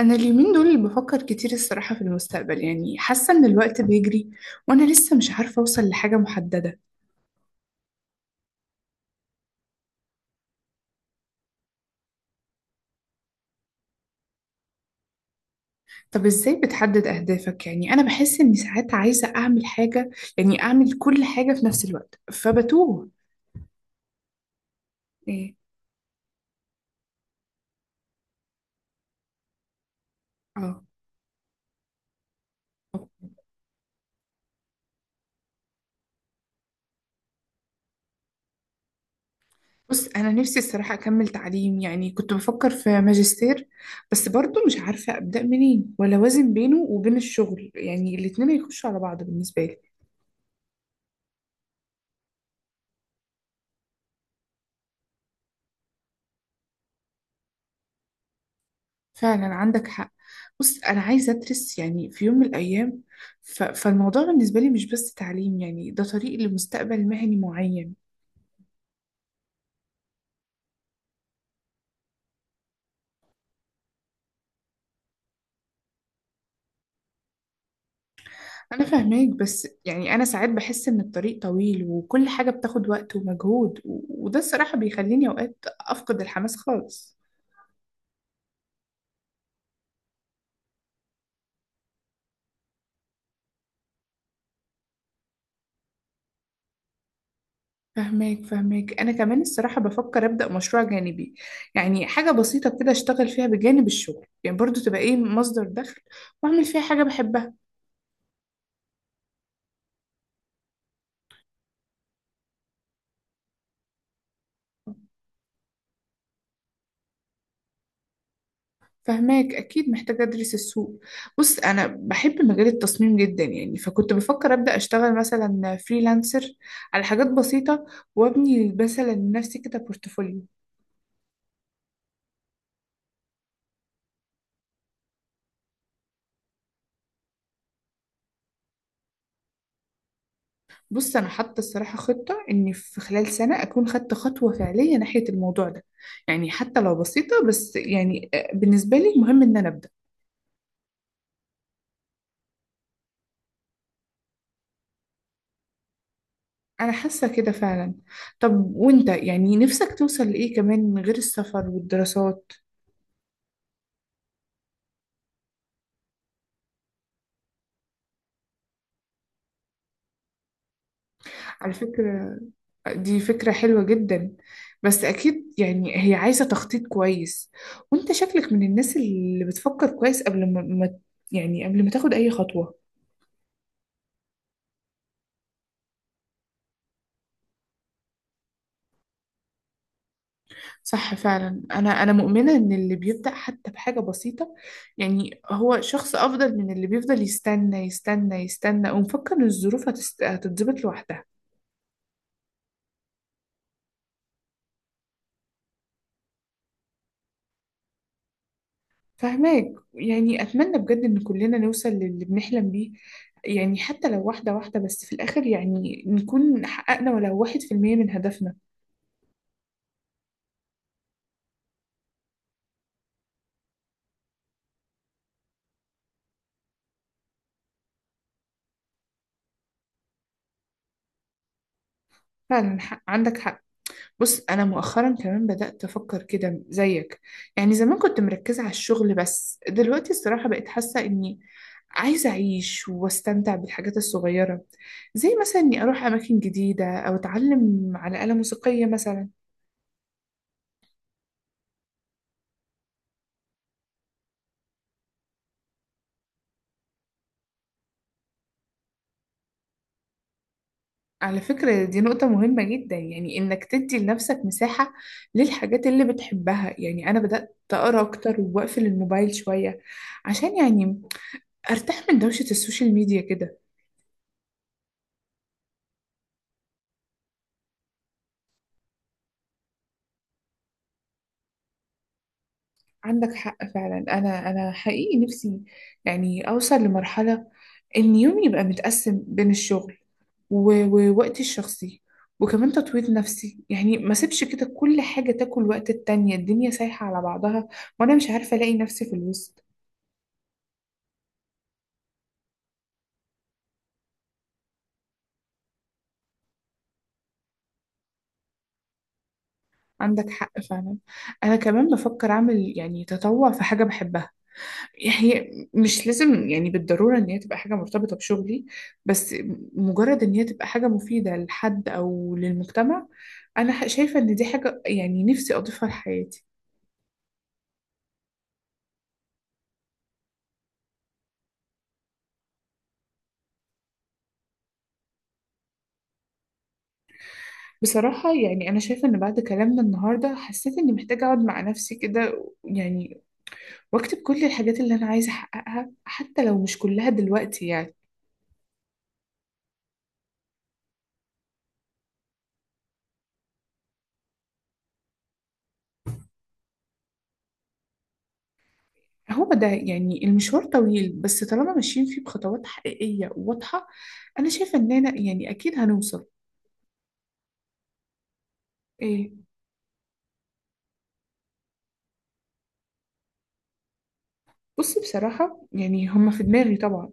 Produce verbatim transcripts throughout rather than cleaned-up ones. أنا اليومين دول بفكر كتير الصراحة في المستقبل، يعني حاسة إن الوقت بيجري وأنا لسه مش عارفة أوصل لحاجة محددة. طب إزاي بتحدد أهدافك؟ يعني أنا بحس إني ساعات عايزة أعمل حاجة، يعني أعمل كل حاجة في نفس الوقت فبتوه. إيه؟ آه. بص، أنا نفسي الصراحة أكمل تعليم، يعني كنت بفكر في ماجستير، بس برضه مش عارفة أبدأ منين ولا أوازن بينه وبين الشغل، يعني الاتنين يخشوا على بعض بالنسبة لي. فعلا عندك حق. بص، أنا عايزة أدرس يعني في يوم من الأيام. ف... فالموضوع بالنسبة لي مش بس تعليم، يعني ده طريق لمستقبل مهني معين. أنا فاهماك، بس يعني أنا ساعات بحس إن الطريق طويل وكل حاجة بتاخد وقت ومجهود، و... وده الصراحة بيخليني أوقات أفقد الحماس خالص. فهماك فهماك، أنا كمان الصراحة بفكر أبدأ مشروع جانبي، يعني حاجة بسيطة كده أشتغل فيها بجانب الشغل، يعني برضو تبقى إيه مصدر دخل، وأعمل فيها حاجة بحبها. فهماك، اكيد محتاجه ادرس السوق. بص، انا بحب مجال التصميم جدا، يعني فكنت بفكر ابدا اشتغل مثلا فريلانسر على حاجات بسيطه، وابني مثلا لنفسي كده بورتفوليو. بص، انا حاطه الصراحه خطه اني في خلال سنه اكون خدت خطوه فعليه ناحيه الموضوع ده، يعني حتى لو بسيطه، بس يعني آه، بالنسبه لي مهم ان انا ابدا. انا حاسه كده فعلا. طب وانت يعني نفسك توصل لايه كمان غير السفر والدراسات؟ على فكره، دي فكرة حلوة جدا، بس أكيد يعني هي عايزة تخطيط كويس. وأنت شكلك من الناس اللي بتفكر كويس قبل ما ما- يعني قبل ما تاخد أي خطوة. صح فعلا. أنا أنا مؤمنة إن اللي بيبدأ حتى بحاجة بسيطة، يعني هو شخص أفضل من اللي بيفضل يستنى يستنى يستنى، ومفكر إن الظروف هتست- هتتظبط لوحدها. فهماك، يعني أتمنى بجد إن كلنا نوصل للي بنحلم بيه، يعني حتى لو واحدة واحدة، بس في الآخر يعني نكون حققنا ولو واحد في المية من هدفنا. فعلا حق. عندك حق. بص، أنا مؤخرا كمان بدأت أفكر كده زيك، يعني زمان كنت مركزة على الشغل، بس دلوقتي الصراحة بقيت حاسة إني عايزة أعيش واستمتع بالحاجات الصغيرة، زي مثلا إني أروح أماكن جديدة أو أتعلم على آلة موسيقية مثلا. على فكرة، دي نقطة مهمة جدا، يعني إنك تدي لنفسك مساحة للحاجات اللي بتحبها، يعني أنا بدأت أقرأ أكتر وأقفل الموبايل شوية عشان يعني أرتاح من دوشة السوشيال ميديا كده. عندك حق فعلا. أنا أنا حقيقي نفسي يعني أوصل لمرحلة إن يومي يبقى متقسم بين الشغل و- ووقتي الشخصي، وكمان تطوير نفسي، يعني ما سيبش كده كل حاجة تاكل وقت التانية، الدنيا سايحة على بعضها. وأنا مش عارفة ألاقي نفسي في الوسط. عندك حق فعلا. انا كمان بفكر اعمل يعني تطوع في حاجه بحبها. هي مش لازم يعني بالضروره ان هي تبقى حاجه مرتبطه بشغلي، بس مجرد ان هي تبقى حاجه مفيده لحد او للمجتمع. انا ح- شايفه ان دي حاجه يعني نفسي اضيفها لحياتي. بصراحه يعني انا شايفه ان بعد كلامنا النهارده حسيت اني محتاجه اقعد مع نفسي كده يعني، واكتب كل الحاجات اللي انا عايزه احققها حتى لو مش كلها دلوقتي يعني. هو ده، يعني المشوار طويل، بس طالما ماشيين فيه بخطوات حقيقية وواضحة، أنا شايفة إننا يعني أكيد هنوصل. إيه؟ بصي، بصراحة يعني هما في دماغي طبعا،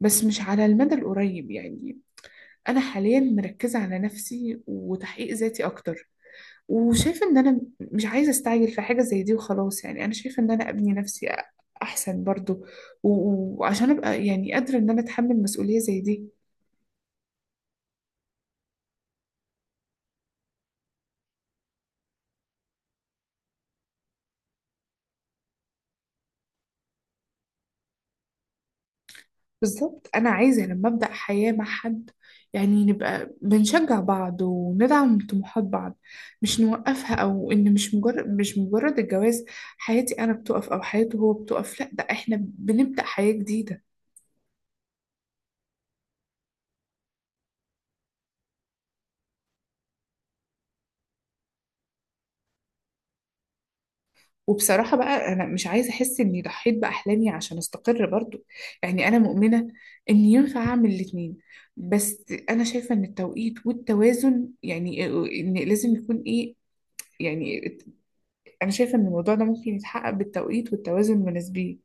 بس مش على المدى القريب، يعني أنا حاليا مركزة على نفسي وتحقيق ذاتي أكتر، وشايفة إن أنا مش عايزة أستعجل في حاجة زي دي وخلاص. يعني أنا شايفة إن أنا أبني نفسي أحسن برضو، و- وعشان أبقى يعني قادرة إن أنا أتحمل مسؤولية زي دي. بالظبط. انا عايزه لما ابدا حياه مع حد، يعني نبقى بنشجع بعض وندعم طموحات بعض، مش نوقفها. او ان مش مجرد مش مجرد الجواز حياتي انا بتقف او حياته هو بتقف، لا ده احنا بنبدا حياه جديده. وبصراحه بقى انا مش عايزه احس اني ضحيت باحلامي عشان استقر برضو، يعني انا مؤمنه ان ينفع اعمل الاتنين، بس انا شايفه ان التوقيت والتوازن يعني ان لازم يكون ايه، يعني انا شايفه ان الموضوع ده ممكن يتحقق بالتوقيت والتوازن المناسبين.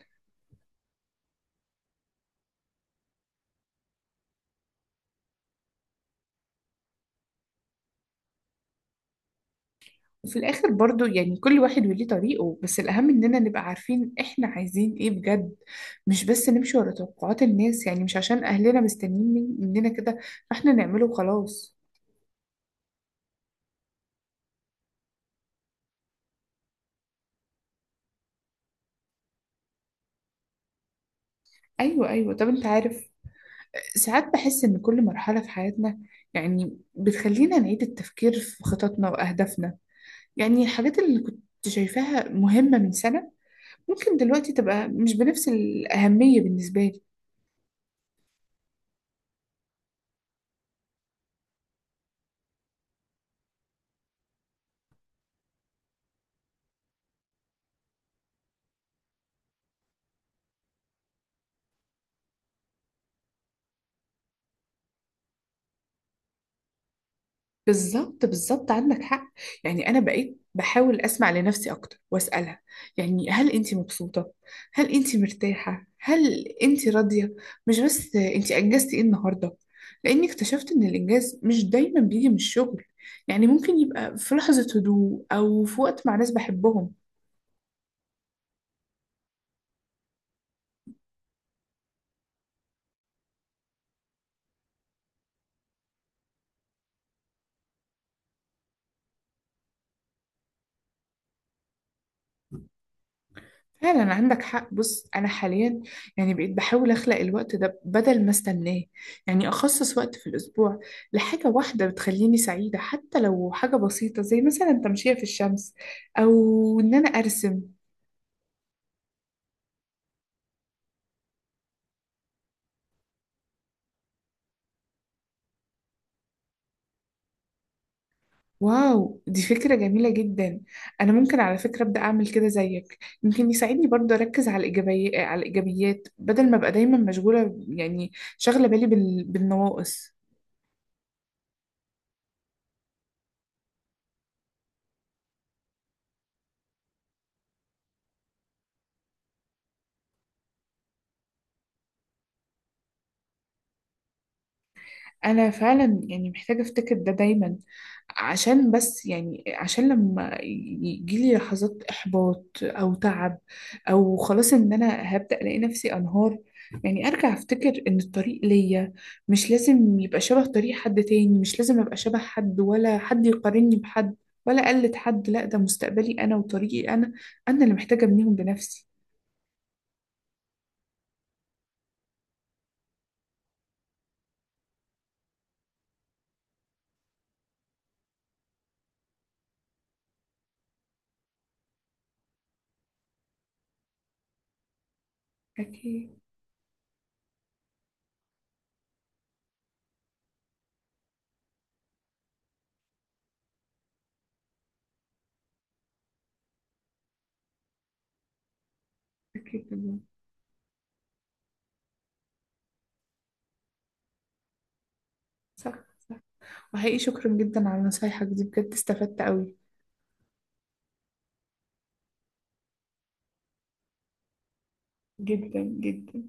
وفي الاخر برضو يعني كل واحد وليه طريقه، بس الاهم اننا نبقى عارفين احنا عايزين ايه بجد، مش بس نمشي ورا توقعات الناس، يعني مش عشان اهلنا مستنيين من- مننا كده فاحنا نعمله وخلاص. ايوه ايوه. طب انت عارف، ساعات بحس ان كل مرحله في حياتنا يعني بتخلينا نعيد التفكير في خططنا واهدافنا، يعني الحاجات اللي كنت شايفاها مهمه من سنه ممكن دلوقتي تبقى مش بنفس الاهميه بالنسبه لي. بالظبط بالظبط، عندك حق. يعني انا بقيت بحاول اسمع لنفسي اكتر واسالها، يعني هل انت مبسوطه، هل انت مرتاحه، هل انت راضيه، مش بس انت انجزتي ايه النهارده. لاني اكتشفت ان الانجاز مش دايما بيجي من الشغل، يعني ممكن يبقى في لحظه هدوء او في وقت مع ناس بحبهم. فعلا عندك حق. بص انا حاليا يعني بقيت بحاول اخلق الوقت ده بدل ما استناه، يعني اخصص وقت في الاسبوع لحاجه واحده بتخليني سعيده، حتى لو حاجه بسيطه زي مثلا التمشيه في الشمس او ان انا ارسم. واو، دي فكره جميله جدا. انا ممكن على فكره ابدا اعمل كده زيك، يمكن يساعدني برضه اركز على الايجابيه على الايجابيات، بدل ما ابقى دايما مشغوله، يعني شاغله بالي بال... بالنواقص. انا فعلا يعني محتاجه افتكر ده دايما، عشان بس يعني عشان لما يجيلي لحظات احباط او تعب، او خلاص ان انا هبدا الاقي نفسي انهار، يعني ارجع افتكر ان الطريق ليا مش لازم يبقى شبه طريق حد تاني، مش لازم ابقى شبه حد، ولا حد يقارني بحد، ولا اقلد حد، لا ده مستقبلي انا وطريقي انا، انا اللي محتاجه ابنيهم بنفسي. اكيد. اكيد والله. صح. صح. وحقيقي شكرا جدا على نصايحك دي، بجد استفدت قوي جدا جدا.